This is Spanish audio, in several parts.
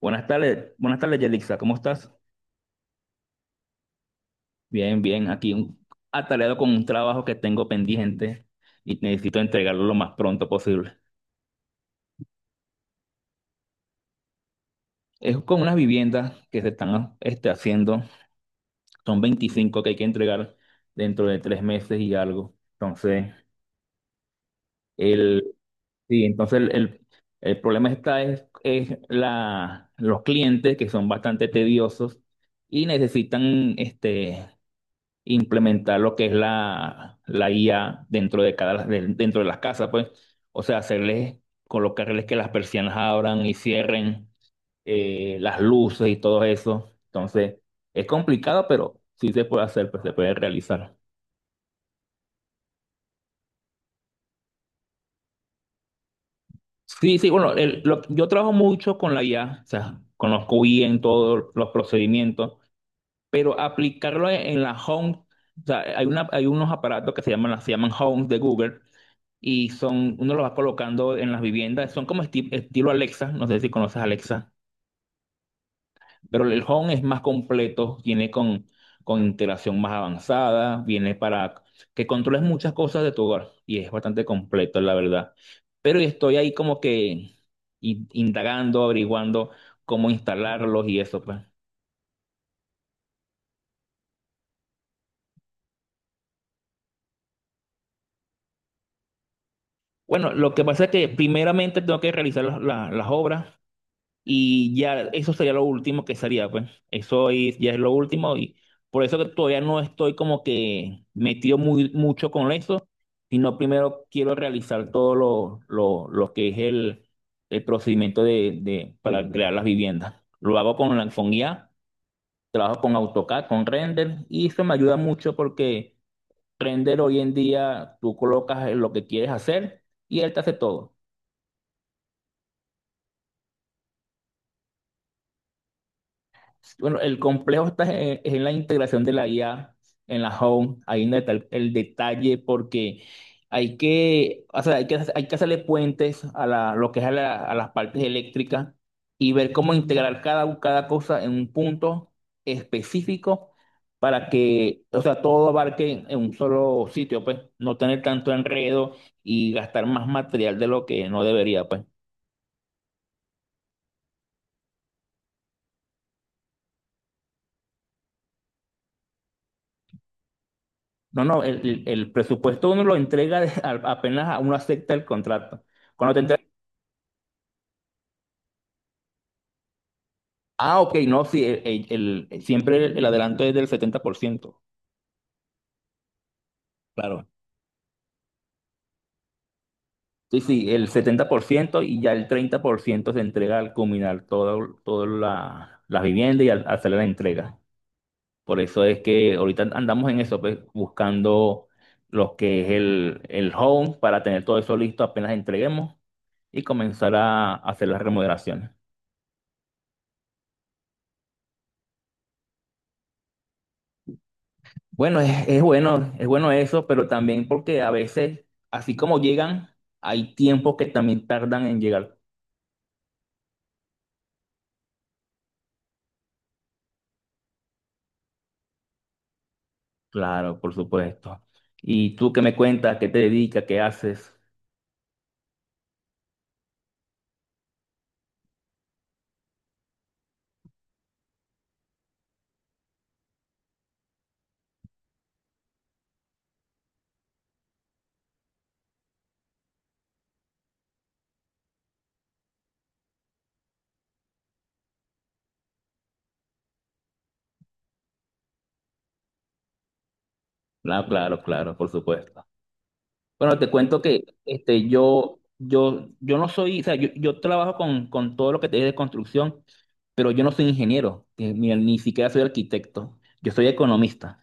Buenas tardes, Yelixa, ¿cómo estás? Bien, bien, aquí atareado con un trabajo que tengo pendiente y necesito entregarlo lo más pronto posible. Es con unas viviendas que se están haciendo, son 25 que hay que entregar dentro de 3 meses y algo. Entonces, el, sí, el problema está es la, los clientes que son bastante tediosos y necesitan implementar lo que es la IA dentro de dentro de las casas, pues. O sea, colocarles que las persianas abran y cierren, las luces y todo eso. Entonces, es complicado, pero sí se puede hacer, pues se puede realizar. Sí, sí, bueno, yo trabajo mucho con la IA. O sea, conozco bien todos los procedimientos, pero aplicarlo en la Home. O sea, hay unos aparatos que se llaman Home de Google, y son, uno los va colocando en las viviendas, son como estilo Alexa, no sé si conoces Alexa, pero el Home es más completo, viene con integración más avanzada, viene para que controles muchas cosas de tu hogar y es bastante completo, la verdad. Pero estoy ahí como que indagando, averiguando cómo instalarlos y eso, pues. Bueno, lo que pasa es que primeramente tengo que realizar las obras. Y ya, eso sería lo último que sería, pues. Ya es lo último y por eso que todavía no estoy como que metido mucho con eso, sino primero quiero realizar todo lo que es el procedimiento para crear las viviendas. Lo hago con la con IA, trabajo con AutoCAD, con Render y eso me ayuda mucho porque Render hoy en día tú colocas lo que quieres hacer y él te hace todo. Bueno, el complejo está en la integración de la IA en la home, ahí donde está el detalle, porque o sea, hay que hacerle puentes a la, lo que es a, la- a las partes eléctricas y ver cómo integrar cada cosa en un punto específico para que, o sea, todo abarque en un solo sitio, pues, no tener tanto enredo y gastar más material de lo que no debería, pues. No, no, el presupuesto uno lo entrega apenas uno acepta el contrato. Cuando te entrega, ah, ok, no, sí, siempre el adelanto es del 70%. Claro. Sí, sí, el 70% y ya el 30% se entrega al culminar todo, toda la vivienda y al hacer la entrega. Por eso es que ahorita andamos en eso, pues, buscando lo que es el home para tener todo eso listo apenas entreguemos y comenzar a hacer las remodelaciones. Bueno, es bueno, es bueno eso, pero también porque a veces, así como llegan, hay tiempos que también tardan en llegar. Claro, por supuesto. ¿Y tú qué me cuentas? ¿Qué te dedicas? ¿Qué haces? Claro, claro, claro, por supuesto. Bueno, te cuento que yo no soy, o sea, yo trabajo con todo lo que te dije de construcción, pero yo no soy ingeniero, ni siquiera soy arquitecto, yo soy economista.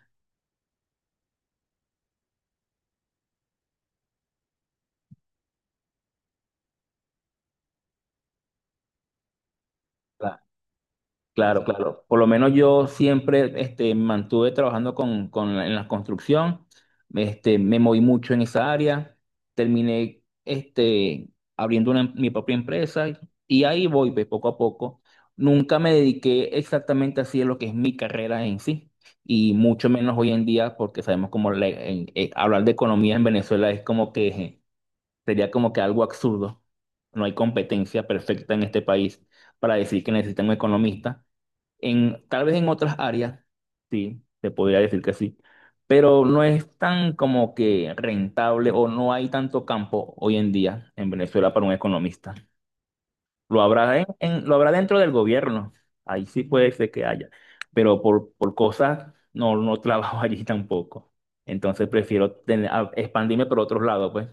Claro, claro. Por lo menos yo siempre me mantuve trabajando en la construcción, me moví mucho en esa área, terminé mi propia empresa y ahí voy pues, poco a poco. Nunca me dediqué exactamente así a lo que es mi carrera en sí y mucho menos hoy en día porque sabemos como hablar de economía en Venezuela es como que sería como que algo absurdo. No hay competencia perfecta en este país para decir que necesitan un economista. Tal vez en otras áreas, sí, se podría decir que sí, pero no es tan como que rentable o no hay tanto campo hoy en día en Venezuela para un economista. Lo habrá, lo habrá dentro del gobierno, ahí sí puede ser que haya, pero por cosas no, no trabajo allí tampoco. Entonces prefiero expandirme por otros lados, pues.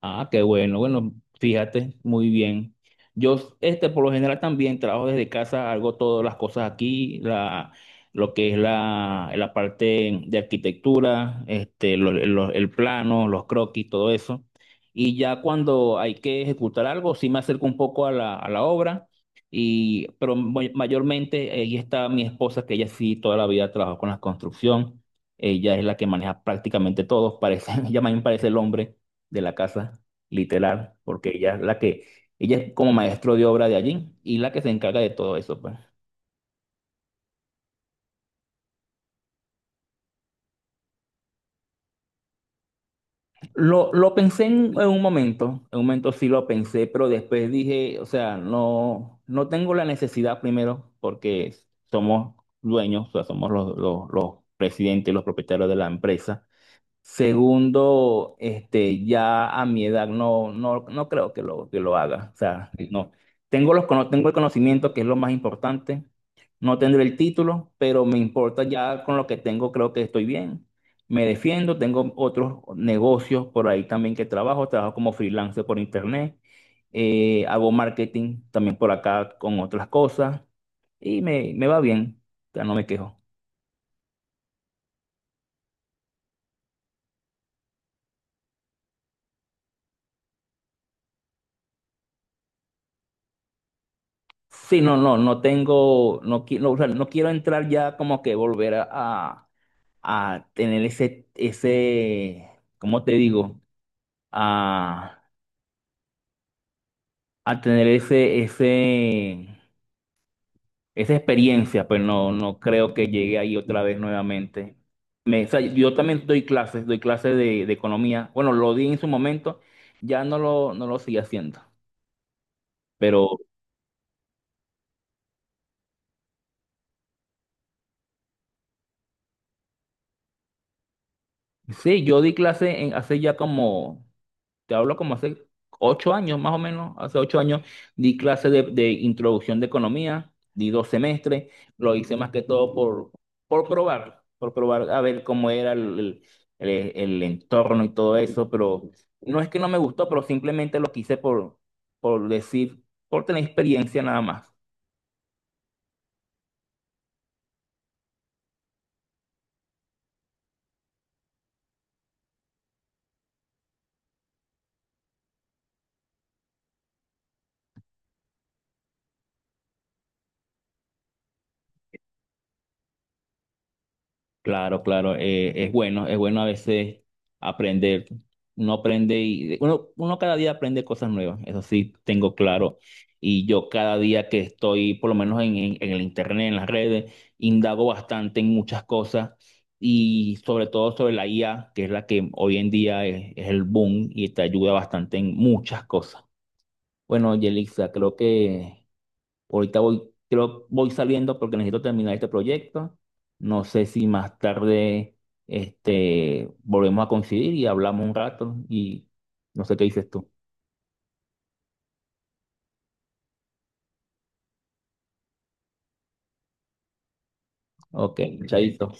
Ah, qué bueno. Bueno, fíjate, muy bien. Yo, por lo general también trabajo desde casa, hago todas las cosas aquí, lo que es la parte de arquitectura, el plano, los croquis, todo eso. Y ya cuando hay que ejecutar algo, sí me acerco un poco a la obra, pero mayormente ahí está mi esposa, que ella sí toda la vida trabajó con la construcción. Ella es la que maneja prácticamente todo, parece, ella más bien parece el hombre de la casa, literal, porque ella es como maestro de obra de allí y la que se encarga de todo eso, pues. Lo pensé en un momento sí lo pensé, pero después dije, o sea, no, no tengo la necesidad primero porque somos dueños, o sea, somos los presidentes, los propietarios de la empresa. Segundo, ya a mi edad no creo que que lo haga. O sea, no. Tengo tengo el conocimiento, que es lo más importante. No tendré el título, pero me importa ya con lo que tengo, creo que estoy bien. Me defiendo, tengo otros negocios por ahí también que trabajo. Trabajo como freelancer por internet. Hago marketing también por acá con otras cosas. Y me va bien. O sea, no me quejo. Sí, no, no, no tengo, no, no, o sea, no quiero entrar ya como que volver a tener ese, ¿cómo te digo? A, a tener esa experiencia, pues no, no creo que llegue ahí otra vez nuevamente. Yo también doy clases, de economía. Bueno, lo di en su momento, ya no lo sigo haciendo. Pero sí, yo di clases hace ya como te hablo como hace 8 años, más o menos, hace 8 años di clase de introducción de economía, di 2 semestres, lo hice más que todo por probar a ver cómo era el entorno y todo eso, pero no es que no me gustó, pero simplemente lo quise por decir, por tener experiencia nada más. Claro, claro, es bueno a veces aprender. Uno aprende y uno cada día aprende cosas nuevas, eso sí tengo claro. Y yo cada día que estoy, por lo menos en el internet, en las redes, indago bastante en muchas cosas y sobre todo sobre la IA, que es la que hoy en día es el boom y te ayuda bastante en muchas cosas. Bueno, Yelixa, creo que ahorita voy, voy saliendo porque necesito terminar este proyecto. No sé si más tarde volvemos a coincidir y hablamos un rato y no sé qué dices tú. Ok, chaito.